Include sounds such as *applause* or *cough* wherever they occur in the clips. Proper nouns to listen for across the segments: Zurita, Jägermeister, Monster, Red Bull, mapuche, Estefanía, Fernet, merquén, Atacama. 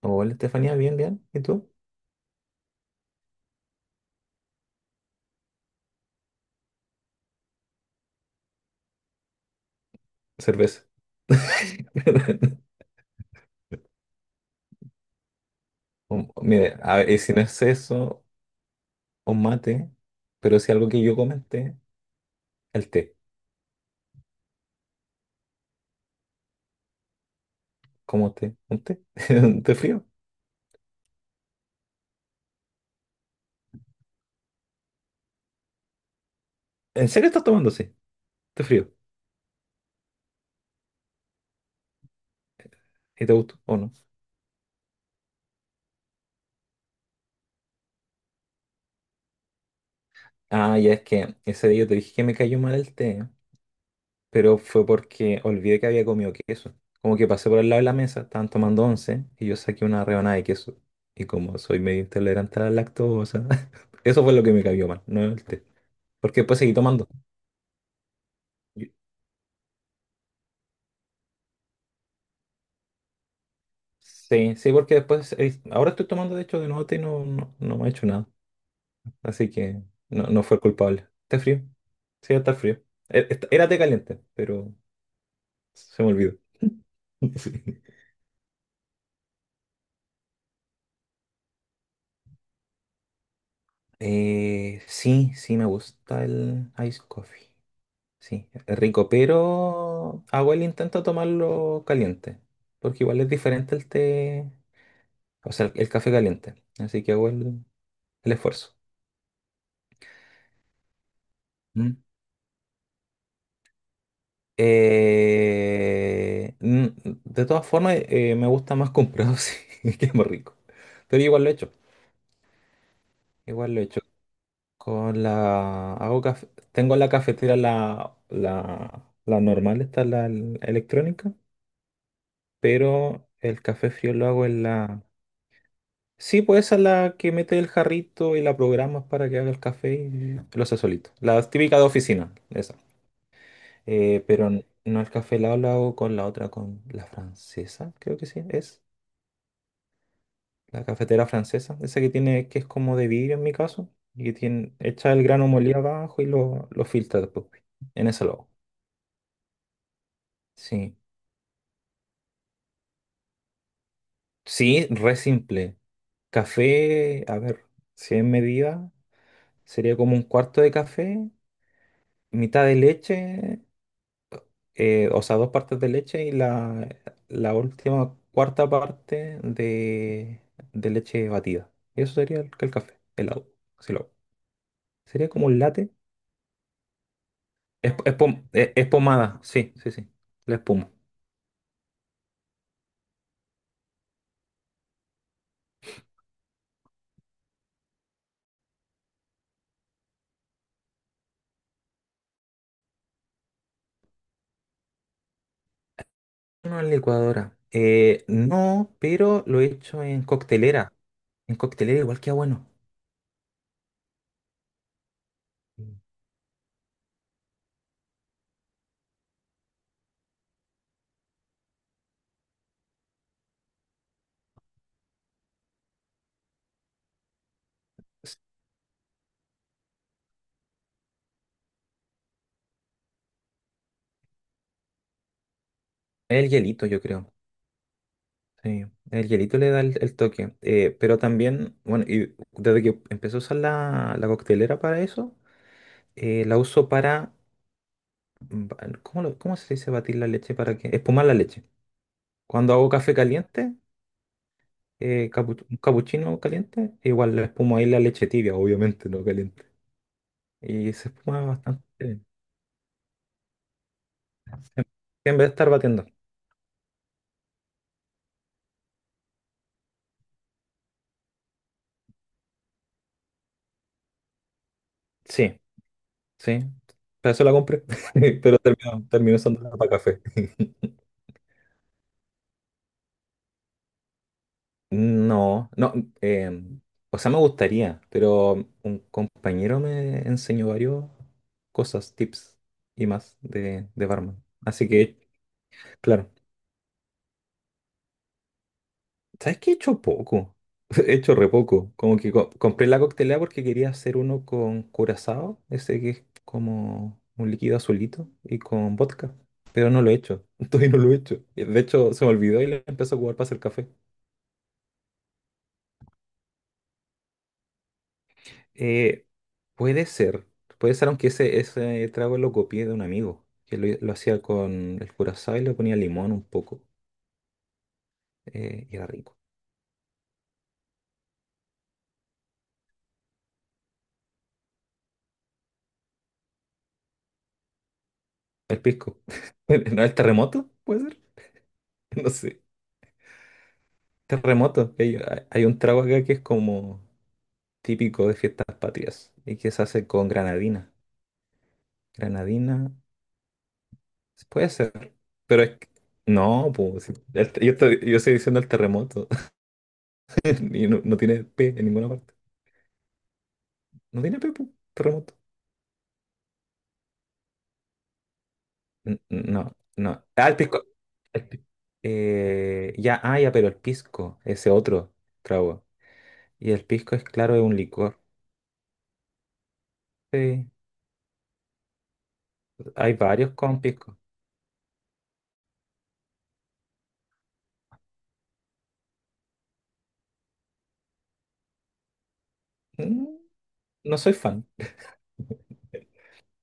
Hola, Estefanía, bien, bien. ¿Y tú? Cerveza. *laughs* Mire, a ver, y si no es eso, un mate, pero si algo que yo comenté, el té. ¿Cómo té? ¿Un té? *laughs* ¿Un té frío? ¿En serio estás tomando así? ¿Té frío? ¿Y te gustó o no? Ah, ya es que ese día yo te dije que me cayó mal el té, pero fue porque olvidé que había comido queso. Como que pasé por el lado de la mesa, estaban tomando once y yo saqué una rebanada de queso. Y como soy medio intolerante a la lactosa, *laughs* eso fue lo que me cayó mal, no el té. Porque después seguí tomando. Yo- Sí, sí, porque después, ahora estoy tomando de hecho de nuevo té y no, no, no me ha hecho nada. Así que no, no fue el culpable. Está frío, sí, está frío. Era té caliente, pero se me olvidó. *laughs* Sí. Sí, sí, me gusta el ice coffee. Sí, es rico, pero hago el intento de tomarlo caliente. Porque igual es diferente el té, o sea, el café caliente. Así que hago el esfuerzo. Mm. Eh, mm, de todas formas, me gusta más comprado, *laughs* sí, que más rico. Pero igual lo he hecho. Igual lo he hecho. Con la. Hago tengo en la cafetera la normal, está la electrónica. Pero el café frío lo hago en la. Sí, pues esa es la que mete el jarrito y la programas para que haga el café y lo hace solito. La típica de oficina, esa. Pero no el café helado lo hago con la otra, con la francesa, creo que sí, es. La cafetera francesa, esa que tiene, que es como de vidrio en mi caso, y que tiene, echa el grano molido abajo y lo filtra después. En ese lado. Sí. Sí, re simple. Café, a ver, si en medida, sería como un cuarto de café, mitad de leche, o sea, dos partes de leche y la última cuarta parte de leche batida. Y eso sería el café, helado. Si lo hago. Sería como un latte. Es, es pomada, sí, sí, sí. La espuma. No en licuadora. No, pero lo he hecho en coctelera. En coctelera igual queda bueno. Mm. Es el hielito, yo creo. Sí, el hielito le da el toque. Pero también, bueno, y desde que empecé a usar la coctelera para eso, la uso para... ba- ¿cómo, cómo se dice batir la leche? ¿Para que espumar la leche? Cuando hago café caliente, un capuchino caliente, igual le espumo ahí la leche tibia, obviamente, no caliente. Y se espuma bastante bien. En vez de estar batiendo. Sí, sí. Para eso la compré. *laughs* Pero termino, termino usándola para café. *laughs* No, no. eh, o sea, me gustaría, pero un compañero me enseñó varios cosas, tips y más de barman. Así que, claro. ¿Sabes qué he hecho poco? *laughs* He hecho re poco. Como que compré la coctelera porque quería hacer uno con curazao, ese que es como un líquido azulito, y con vodka. Pero no lo he hecho. *laughs* Todavía no lo he hecho. Y de hecho, se me olvidó y lo empecé a jugar para hacer café. Eh, puede ser. Puede ser, aunque ese trago lo copié de un amigo, que lo hacía con el curazao y le ponía limón un poco. Y era rico. El pisco. *laughs* ¿No el terremoto? ¿Puede ser? *laughs* No sé. Terremoto. Hay un trago acá que es como típico de fiestas patrias y que se hace con granadina. Granadina, puede ser, pero es que- no, pues, yo estoy diciendo el terremoto *laughs* y no, no tiene P en ninguna parte. No tiene P, pues, terremoto. No, no. Ah, el pisco. el pi- ya, ah, ya, pero el pisco, ese otro trago. Y el pisco es claro, es un licor. Sí, hay varios con pisco. Mm. No soy fan.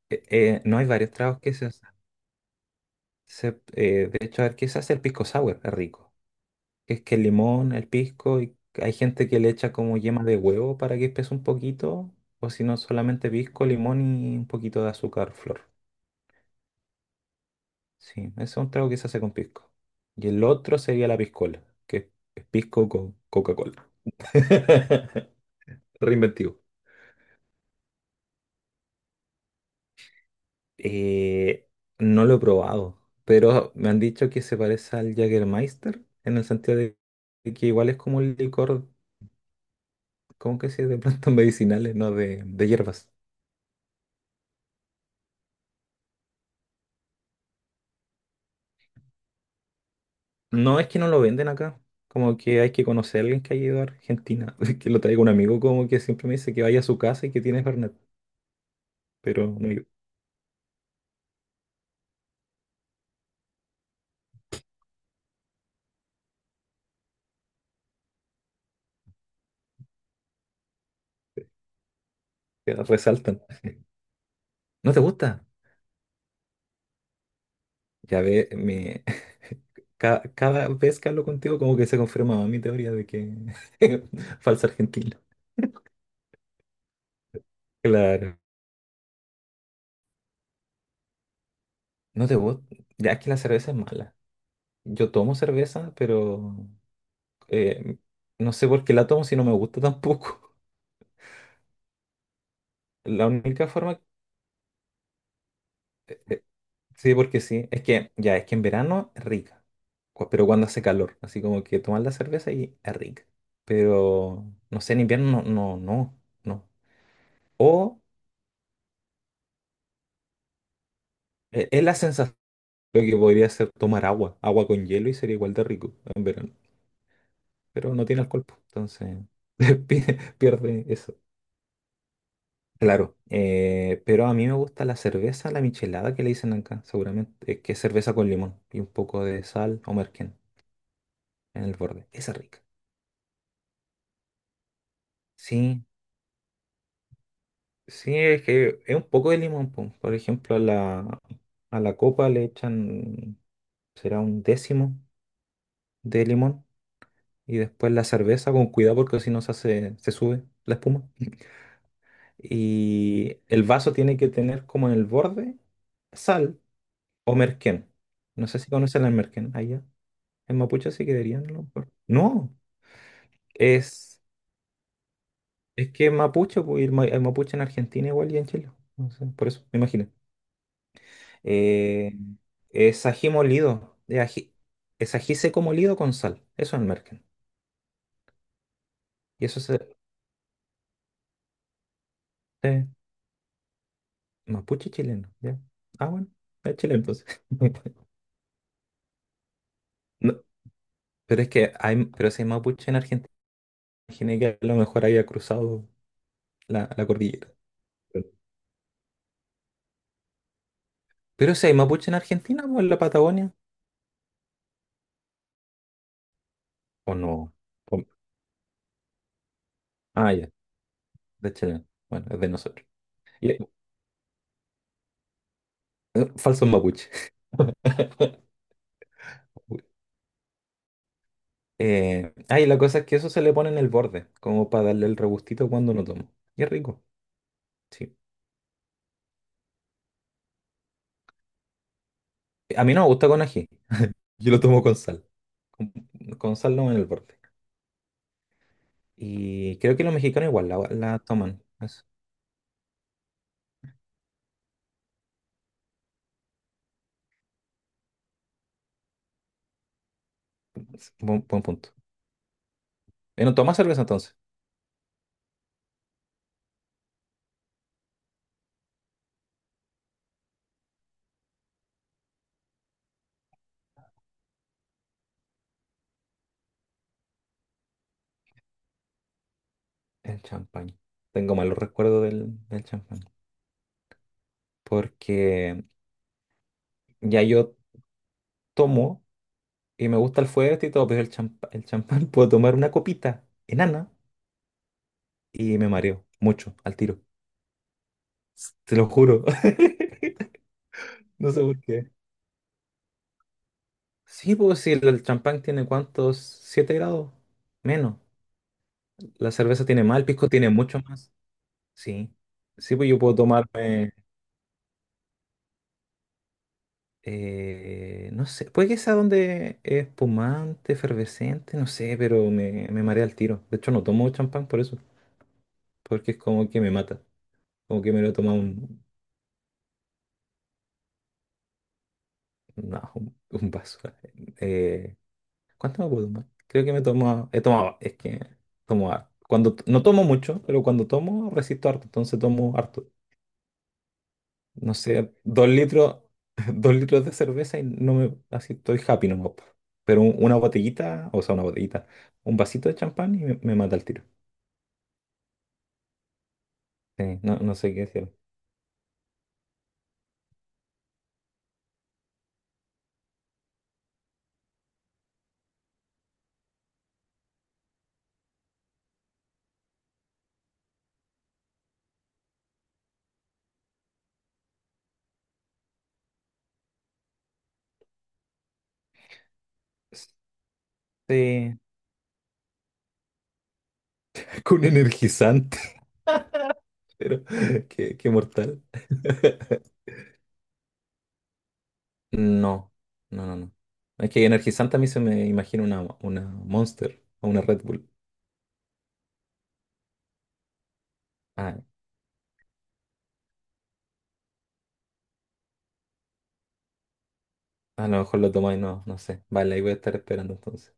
No hay varios tragos que se usan. De hecho, a ver, ¿qué se hace el pisco sour? Es rico. Es que el limón, el pisco, y hay gente que le echa como yema de huevo para que espese un poquito, o si no, solamente pisco, limón y un poquito de azúcar flor. Sí, ese es un trago que se hace con pisco. Y el otro sería la piscola, que es pisco con Coca-Cola. *laughs* Reinventivo. Eh, no lo he probado, pero me han dicho que se parece al Jägermeister en el sentido de que igual es como un licor, ¿cómo que se dice? De plantas *laughs* medicinales, no de, de hierbas. No es que no lo venden acá, como que hay que conocer a alguien que haya ido a Argentina, *laughs* que lo traiga un amigo como que siempre me dice que vaya a su casa y que tiene Fernet, pero no, que resaltan. ¿No te gusta? Ya ve, me... *laughs* cada vez que hablo contigo como que se confirma mi teoría de que *laughs* falsa argentina. Claro. No te gusta. Ya es que la cerveza es mala. Yo tomo cerveza, pero eh, no sé por qué la tomo si no me gusta tampoco. *laughs* La única forma. eh, sí, porque sí. Es que ya, es que en verano es rica. Pero cuando hace calor. Así como que tomas la cerveza y es rica. Pero no sé, en invierno no, no, no, no. O es la sensación de que podría ser tomar agua. Agua con hielo y sería igual de rico en verano. Pero no tiene alcohol, pues, entonces *laughs* pi- pierde esa. Claro, pero a mí me gusta la cerveza, la michelada que le dicen acá, seguramente, que es cerveza con limón y un poco de sal o merquén en el borde. Esa es rica. Sí, sí, es que es un poco de limón, po. Por ejemplo, a la copa le echan, será un décimo de limón y después la cerveza con cuidado porque si no se hace, se sube la espuma. Y el vaso tiene que tener como en el borde sal o merquén. No sé si conocen el merquén allá. En mapuche se quedarían a lo mejor. No, es, es que en mapuche, pues, y el, el mapuche en Argentina igual y en Chile. No sé, por eso, me imagino. Eh, es ají molido. Es ají seco molido con sal. Eso es el merken. Y eso es eh, mapuche chileno. ¿Ya? Ah, bueno, es chileno entonces. *laughs* No, pero es que hay, pero si hay mapuche en Argentina, imaginé que a lo mejor había cruzado la, la cordillera. Pero si hay mapuche en Argentina o en la Patagonia, o no. O- ah, ya. De hecho, bueno, es de nosotros. Y- falsos mapuche. *laughs* Ah, y la cosa es que eso se le pone en el borde, como para darle el regustito cuando lo tomo. Y es rico, sí. A mí no me gusta con ají. Yo lo tomo con sal. Con, con sal no en el borde. Y creo que los mexicanos igual la, la toman. Es buen, buen punto. No tomas cerveza entonces. El champán. Tengo malos recuerdos del, del champán. Porque ya yo tomo. Y me gusta el fuerte y todo, pero el champán *laughs* puedo tomar una copita enana y me mareo mucho al tiro. Te lo juro. *laughs* No sé por qué. Sí, pues si el champán tiene cuántos, 7 grados menos. La cerveza tiene más, el pisco tiene mucho más. Sí. Sí, pues yo puedo tomarme, no sé, puede que sea donde es espumante, efervescente, no sé, pero me, marea al tiro. De hecho, no tomo champán por eso, porque es como que me mata, como que me lo toma un, no, un vaso. Eh, ¿Cuánto me puedo tomar? Creo que me tomo, he tomado, es que tomo harto. Cuando, no tomo mucho, pero cuando tomo resisto harto, entonces tomo harto. No sé, 2 litros, *laughs* 2 litros de cerveza y no me, así estoy happy nomás. Po. Pero una botellita, o sea, una botellita, un vasito de champán y me, mata el tiro. Sí, no, no sé qué decir. Sí, *laughs* con energizante, *laughs* pero *laughs* qué, qué mortal. *laughs* No, no, no, no. Es que energizante a mí se me imagina una Monster o una Red Bull. Ah, a lo mejor lo tomáis, no, no sé. Vale, ahí voy a estar esperando entonces.